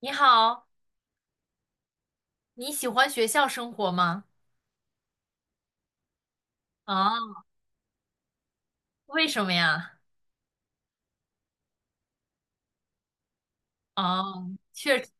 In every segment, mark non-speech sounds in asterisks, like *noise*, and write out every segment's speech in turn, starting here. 你好，你喜欢学校生活吗？啊，为什么呀？哦，确实，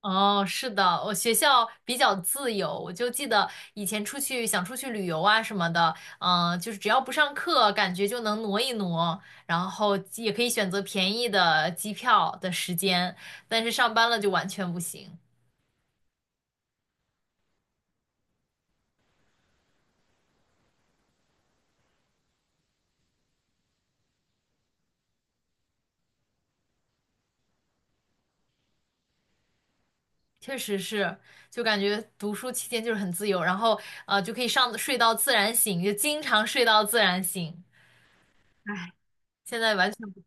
哦，是的，我学校比较自由，我就记得以前出去想出去旅游啊什么的，就是只要不上课，感觉就能挪一挪，然后也可以选择便宜的机票的时间，但是上班了就完全不行。确实是，就感觉读书期间就是很自由，然后就可以上睡到自然醒，就经常睡到自然醒。现在完全不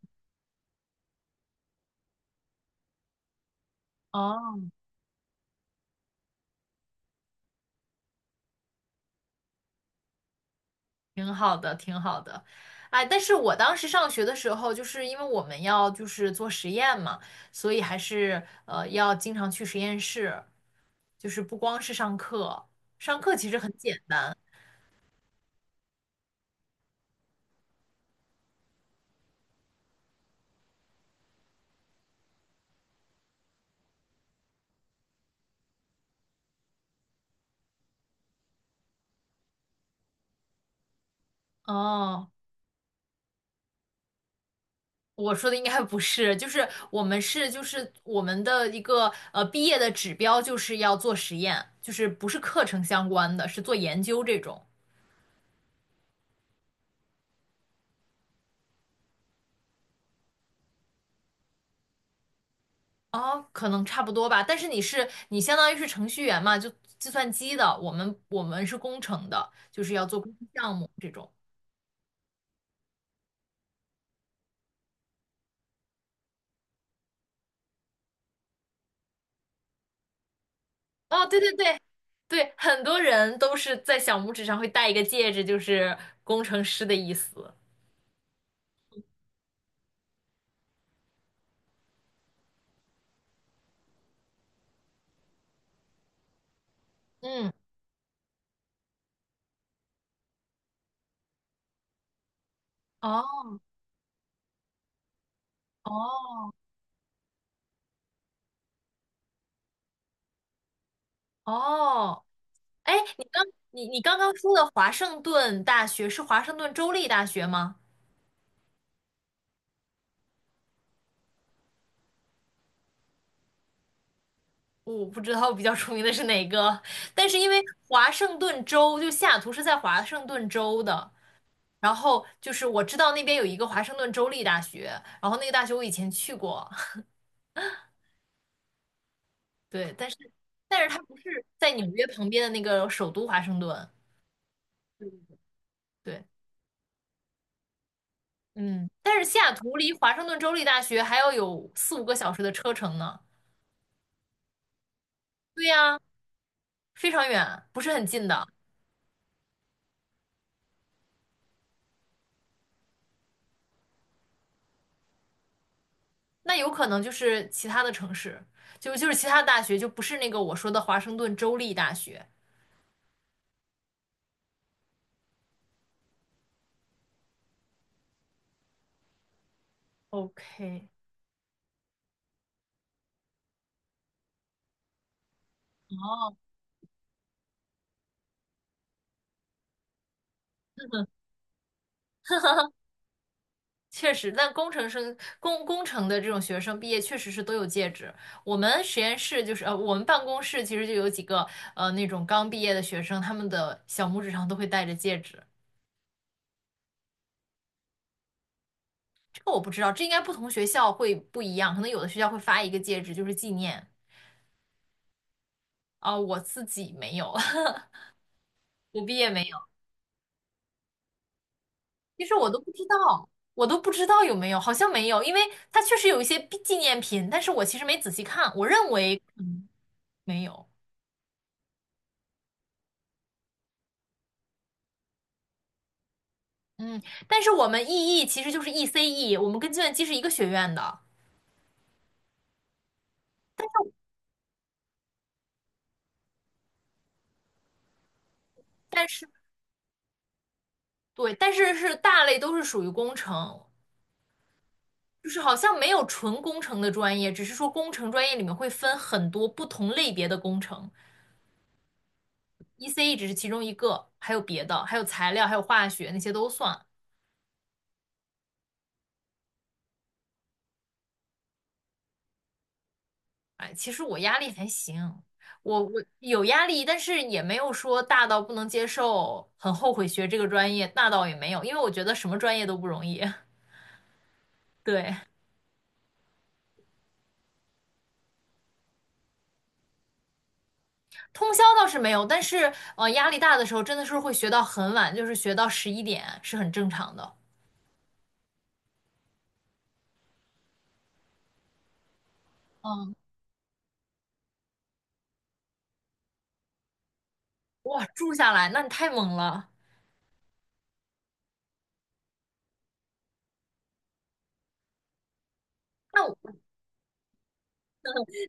哦，挺好的，挺好的。哎，但是我当时上学的时候，就是因为我们要就是做实验嘛，所以还是要经常去实验室，就是不光是上课，上课其实很简单。哦，我说的应该不是，就是我们是就是我们的一个毕业的指标就是要做实验，就是不是课程相关的，是做研究这种。哦，可能差不多吧，但是你相当于是程序员嘛，就计算机的，我们是工程的，就是要做工程项目这种。哦，对对对对，很多人都是在小拇指上会戴一个戒指，就是工程师的意思。嗯，哦哦哦，哎，你刚刚说的华盛顿大学是华盛顿州立大学吗？我不知道比较出名的是哪个，但是因为华盛顿州就西雅图是在华盛顿州的。然后就是我知道那边有一个华盛顿州立大学，然后那个大学我以前去过，*laughs* 对，但是它不是在纽约旁边的那个首都华盛顿，对，嗯，但是西雅图离华盛顿州立大学还要有四五个小时的车程呢，对呀，非常远，不是很近的，那有可能就是其他的城市，就就是其他大学，就不是那个我说的华盛顿州立大学。OK，确实，但工程的这种学生毕业确实是都有戒指。我们实验室就是我们办公室其实就有几个那种刚毕业的学生，他们的小拇指上都会戴着戒指。这个我不知道，这应该不同学校会不一样，可能有的学校会发一个戒指就是纪念啊，我自己没有，*laughs* 我毕业没有。其实我都不知道，我都不知道有没有，好像没有，因为它确实有一些纪念品，但是我其实没仔细看，我认为可能没有。嗯，但是我们 EE 其实就是 ECE，我们跟计算机是一个学院的，但是对，但是是大类都是属于工程，就是好像没有纯工程的专业，只是说工程专业里面会分很多不同类别的工程，ECE 只是其中一个，还有别的，还有材料，还有化学那些都算。哎，其实我压力还行，我有压力，但是也没有说大到不能接受，很后悔学这个专业，那倒也没有，因为我觉得什么专业都不容易，*laughs* 对。通宵倒是没有，但是压力大的时候真的是会学到很晚，就是学到11点是很正常的。嗯，哇，住下来，那你太猛了。那我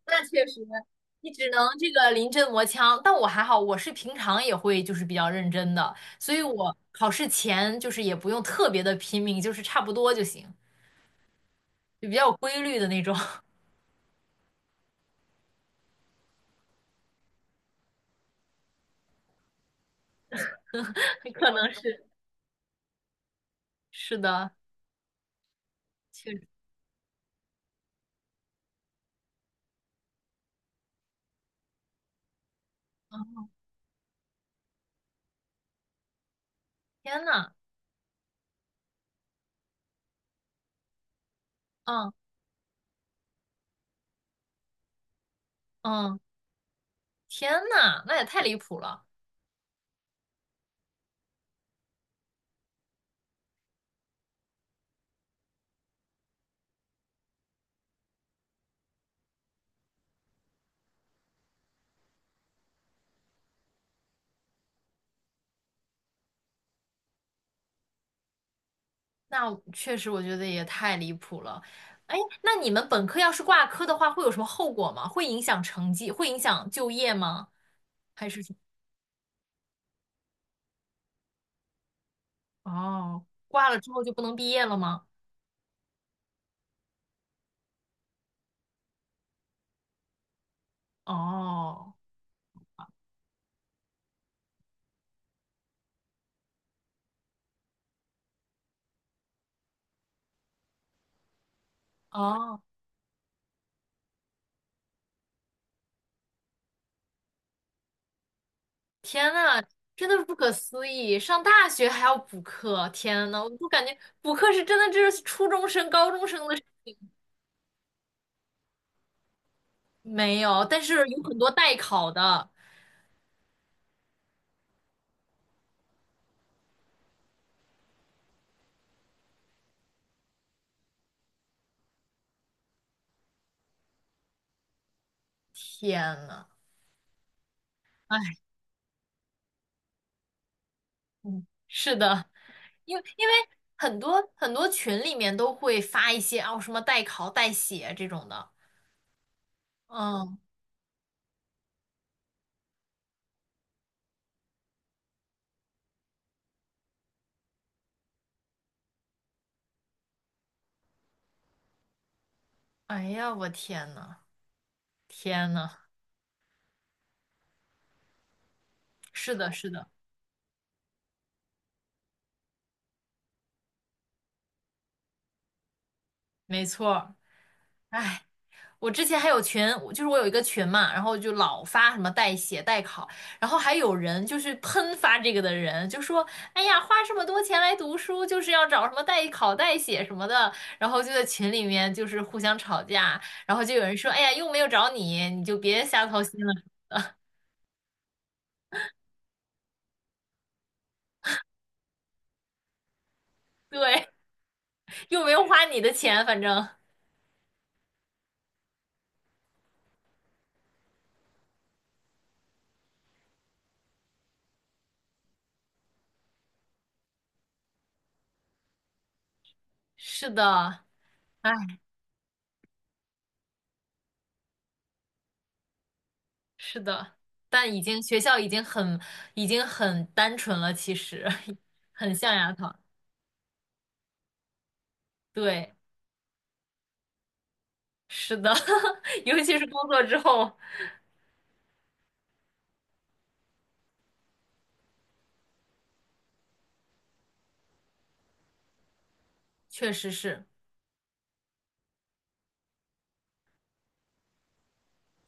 那确实，你只能这个临阵磨枪。但我还好，我是平常也会就是比较认真的，所以我考试前就是也不用特别的拼命，就是差不多就行，就比较有规律的那种。*laughs* 可能是是的，确实。嗯，天呐，嗯嗯，天呐，那也太离谱了。那确实，我觉得也太离谱了。哎，那你们本科要是挂科的话，会有什么后果吗？会影响成绩，会影响就业吗？还是什么哦，挂了之后就不能毕业了吗？哦哦，天呐，真的是不可思议！上大学还要补课，天呐，我就感觉补课是真的，这是初中生、高中生的事没有，但是有很多代考的，天呐，哎，嗯是的，因为很多很多群里面都会发一些哦什么代考代写这种的，嗯，哎呀，我天呐，天呐，是的，是的，没错儿我之前还有群，我就是我有一个群嘛，然后就老发什么代写、代考，然后还有人就是喷发这个的人，就说：“哎呀，花这么多钱来读书，就是要找什么代考、代写什么的。”然后就在群里面就是互相吵架，然后就有人说：“哎呀，又没有找你，你就别瞎操心了。”对，又没有花你的钱，反正是的，哎，是的，但已经学校已经很单纯了，其实 *laughs* 很象牙塔。对，是的，*laughs* 尤其是工作之后，确实是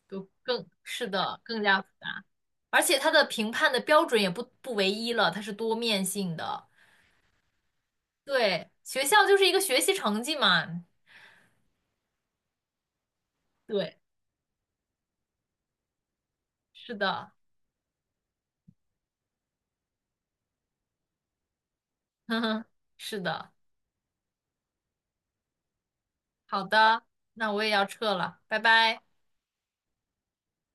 就更是的更加复杂，而且它的评判的标准也不唯一了，它是多面性的。对，学校就是一个学习成绩嘛。对，是的，*laughs* 哼哼，是的，好的，那我也要撤了，拜拜。